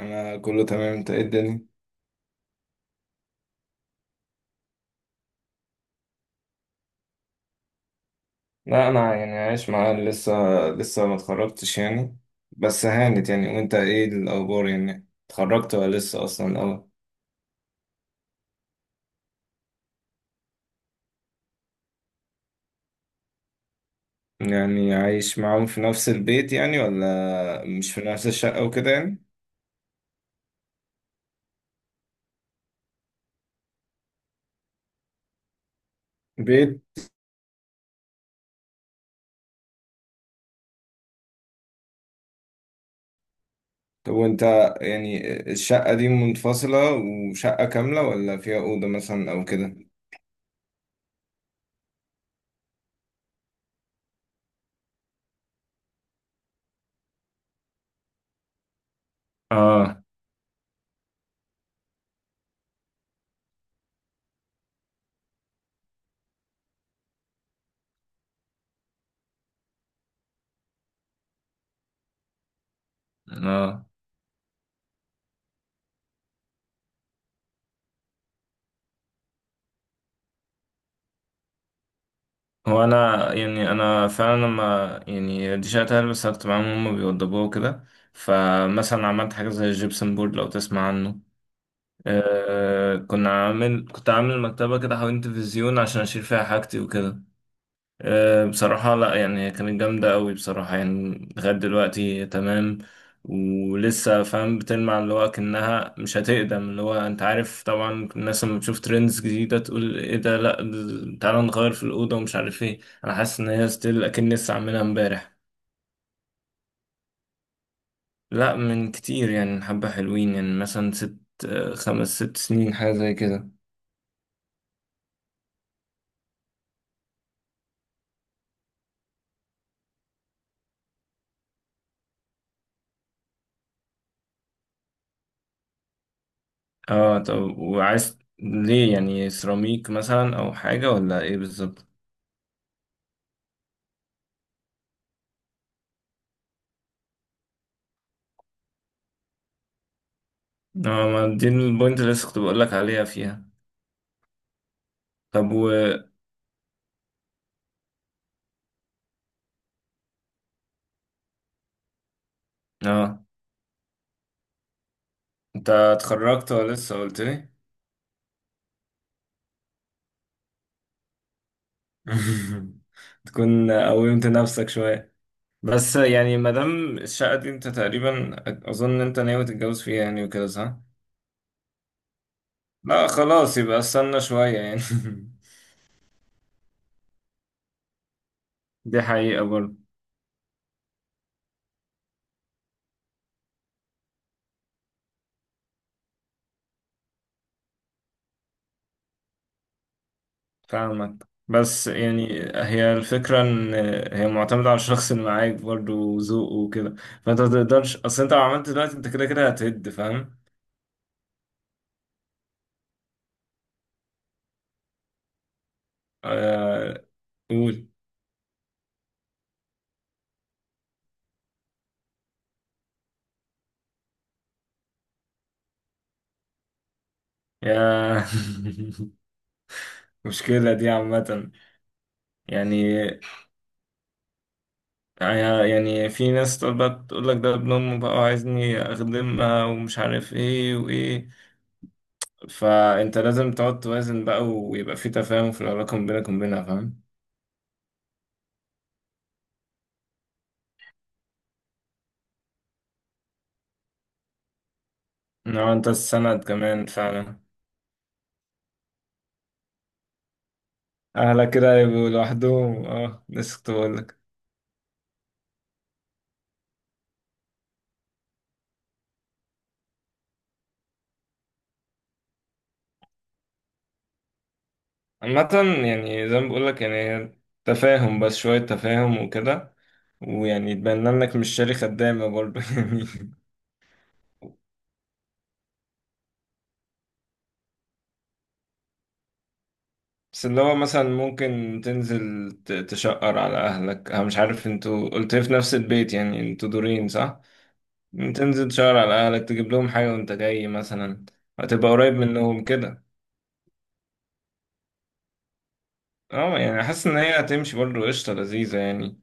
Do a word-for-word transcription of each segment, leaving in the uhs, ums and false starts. انا كله تمام. انت ايه الدنيا؟ لا، انا يعني عايش معاه لسه. لسه ما اتخرجتش يعني. بس هانت يعني. وانت ايه الاخبار؟ يعني اتخرجت ولا لسه اصلا؟ اه، يعني عايش معاهم في نفس البيت يعني، ولا مش في نفس الشقة وكده يعني؟ بيت. طب وانت يعني الشقة دي منفصلة وشقة كاملة، ولا فيها أوضة مثلا او كده؟ اه. اه، هو انا يعني انا فعلا لما يعني دي شهادة هلبس كنت معاهم، هم بيوضبوها وكده. فمثلا عملت حاجه زي الجبسن بورد لو تسمع عنه. أه، كنا عامل كنت عامل مكتبه كده حوالين تلفزيون عشان اشيل فيها حاجتي وكده. أه، بصراحة لا، يعني هي كانت جامدة أوي بصراحة، يعني لغاية دلوقتي تمام. ولسه فاهم بتلمع، اللي هو أكنها مش هتقدم، اللي هو أنت عارف طبعا الناس لما تشوف ترندز جديدة تقول إيه ده، لأ ده- تعالى نغير في الأوضة ومش عارف إيه. أنا حاسس إن هي ستيل، أكن لسه عاملها إمبارح. لأ من كتير يعني، حبة حلوين يعني، مثلا ست. أه، خمس ست سنين حاجة زي كده. اه، طب وعايز ليه يعني سيراميك مثلا أو حاجة ولا إيه بالظبط؟ اه، ما دي البوينت اللي لسه كنت بقول لك عليها فيها. طب و، اه، انت اتخرجت ولا لسه؟ قلت لي. تكون قومت نفسك شوية. بس يعني ما دام الشقة دي انت تقريبا اظن ان انت ناوي تتجوز فيها يعني وكده، صح؟ لا خلاص، يبقى استنى شوية يعني. دي حقيقة برضه. فاهمك، بس يعني هي الفكرة ان هي معتمدة على الشخص اللي معاك برضه وذوقه وكده. فانت ما تقدرش، اصل انت لو عملت دلوقتي انت كده كده هتهد، فاهم؟ آه، قول. يا، مشكلة دي عامة. يعني يعني يعني في ناس تقعد بقى تقول لك ده ابن أمه بقى وعايزني أخدمها ومش عارف إيه وإيه. فأنت لازم تقعد توازن بقى، ويبقى في تفاهم في العلاقة ما بينك وبينها، فاهم؟ إنما أنت السند كمان فعلا. أهلك كده يبقوا لوحدهم. أه، لسه كنت بقول لك. عامة يعني زي ما بقول لك، يعني هي تفاهم، بس شوية تفاهم وكده. ويعني يتبنى لك، مش شاري خدامة برضه. يعني بس اللي هو مثلا ممكن تنزل ت- تشقر على أهلك. أنا مش عارف، انتوا قلت لي في نفس البيت يعني، انتوا دورين، صح؟ تنزل تشقر على أهلك، تجيب لهم حاجة وانت جاي مثلا. هتبقى قريب منهم كده. اه، يعني حاسس إن هي هتمشي برضه قشطة لذيذة يعني.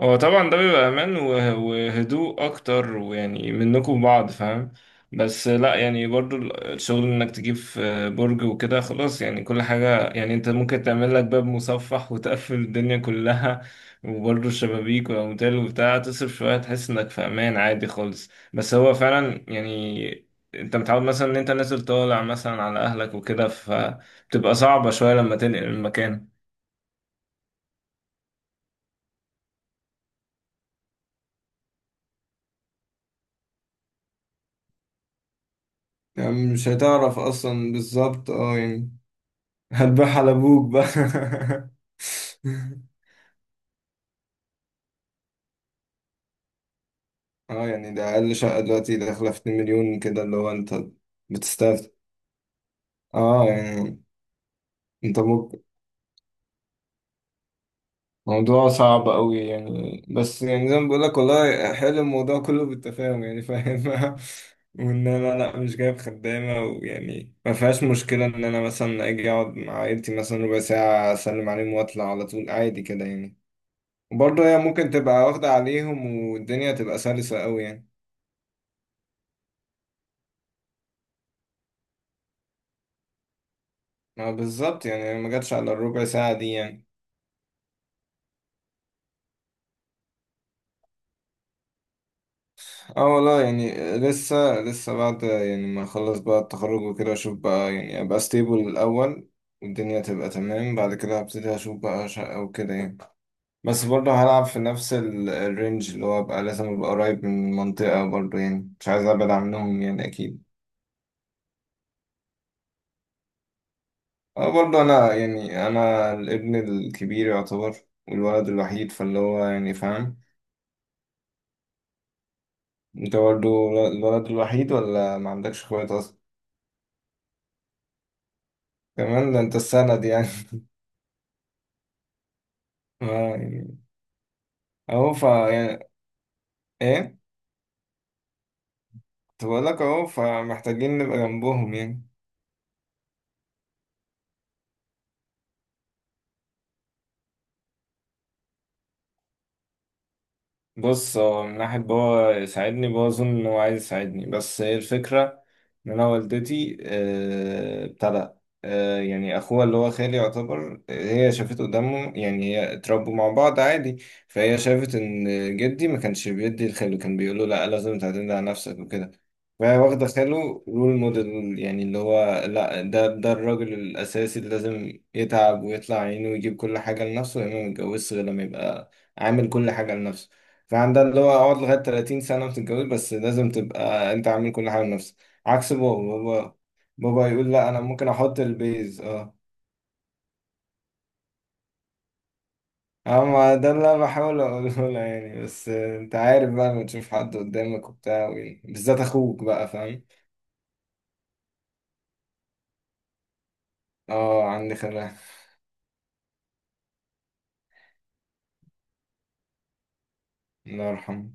هو طبعا ده بيبقى امان وه- وهدوء اكتر، ويعني منكم بعض، فاهم. بس لا، يعني برضو ال- الشغل انك تجيب في برج وكده، خلاص يعني كل حاجة. يعني انت ممكن تعمل لك باب مصفح وتقفل الدنيا كلها. وبرضو الشبابيك والاموال وبتاع، تصرف شوية تحس انك في امان عادي خالص. بس هو فعلا يعني انت متعود مثلا ان انت نازل طالع مثلا على اهلك وكده، فبتبقى صعبة شوية لما تنقل المكان. يعني مش هتعرف اصلا بالظبط، اه يعني. هتبيعها على ابوك بقى. اه يعني ده اقل شقة دلوقتي داخلة في اتنين مليون كده، اللي هو انت بتستاهل. اه يعني انت ممكن موضوع صعب قوي يعني. بس يعني زي ما بقول لك، والله حلو الموضوع كله بالتفاهم، يعني فاهم. وان انا لا مش جايب خدامة، ويعني ما فيهاش مشكلة ان انا مثلا اجي اقعد مع عيلتي مثلا ربع ساعة، اسلم عليهم واطلع على طول عادي كده يعني. وبرضه هي ممكن تبقى واخدة عليهم، والدنيا تبقى سلسة قوي يعني. ما بالظبط يعني، ما جاتش على الربع ساعة دي يعني. اه والله يعني لسه. لسه بعد يعني ما اخلص بقى التخرج وكده، اشوف بقى يعني ابقى ستيبل الاول، والدنيا تبقى تمام. بعد كده هبتدي اشوف بقى شقة وكده يعني. بس برضه هلعب في نفس ال- الرينج، اللي هو ابقى لازم ابقى قريب من المنطقة برضه، يعني مش عايز ابعد عنهم يعني اكيد. اه برضه انا، يعني انا الابن الكبير يعتبر، والولد الوحيد، فاللي هو يعني فاهم. انت برضه الولد الوحيد، ولا ما عندكش اخوات اصلا؟ كمان ده انت السند يعني. اه يعني اهو فا يعني. ايه؟ كنت بقول لك اهو، فمحتاجين نبقى جنبهم يعني. بص، هو من ناحية بابا يساعدني، بابا أظن إن هو عايز يساعدني، بس هي الفكرة إن أنا والدتي، آه، ابتدى، آه، يعني أخوها اللي هو خالي يعتبر، آه، هي شافته قدامه يعني، هي اتربوا مع بعض عادي. فهي شافت إن جدي ما كانش بيدي لخاله، كان بيقوله لأ، لازم تعتمد على نفسك وكده. فهي واخدة خاله رول موديل، يعني اللي هو لأ، ده ده الراجل الأساسي اللي لازم يتعب ويطلع عينه ويجيب كل حاجة لنفسه، يعني ما يتجوزش غير لما يبقى عامل كل حاجة لنفسه. فعندها اللي هو اقعد لغاية تلاتين سنة وتتجوز، بس لازم تبقى انت عامل كل حاجة لنفسك. عكس بابا. بابا بابا يقول لا، انا ممكن احط البيز، اه. اما ده اللي انا بحاول اقوله لها يعني. بس انت عارف بقى لما تشوف حد قدامك وبتاع وي- بالذات اخوك بقى، فاهم. اه عندي خلاف. الله يرحمه.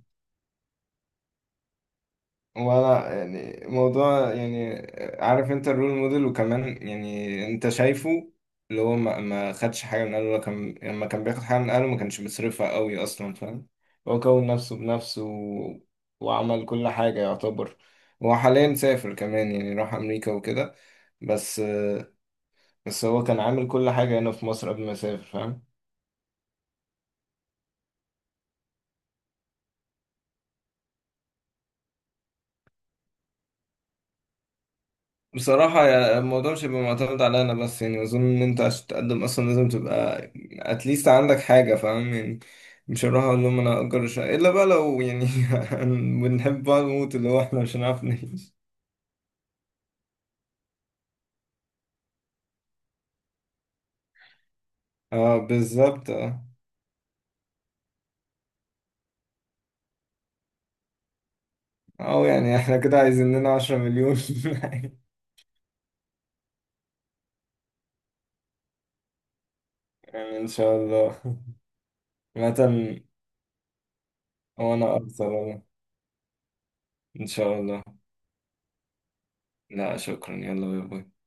ولا يعني موضوع يعني. عارف انت الرول موديل، وكمان يعني انت شايفه اللي هو ما, ما خدش حاجة من اهله، كان لما كان بياخد حاجة من اهله ما كانش بيصرفها قوي اصلا، فاهم. هو كون نفسه بنفسه و وعمل كل حاجة يعتبر. هو حاليا سافر كمان، يعني راح امريكا وكده. بس بس هو كان عامل كل حاجة هنا في مصر قبل ما يسافر، فاهم. بصراحة يا- الموضوع مش هيبقى معتمد على أنا بس يعني. أظن إن أنت عشان تقدم أصلا لازم تبقى أتليست عندك حاجة، فاهم يعني. مش هروح أقول لهم أنا هأجر شقة إلا بقى لو يعني. بنحب بعض موت، اللي هو إحنا مش هنعرف نعيش. أه بالظبط أه. أو يعني إحنا كده عايزين لنا عشرة مليون. يعني إن شاء الله. مثلا. وأنا أكثر والله. إن شاء الله. لا شكرا، يلا باي باي.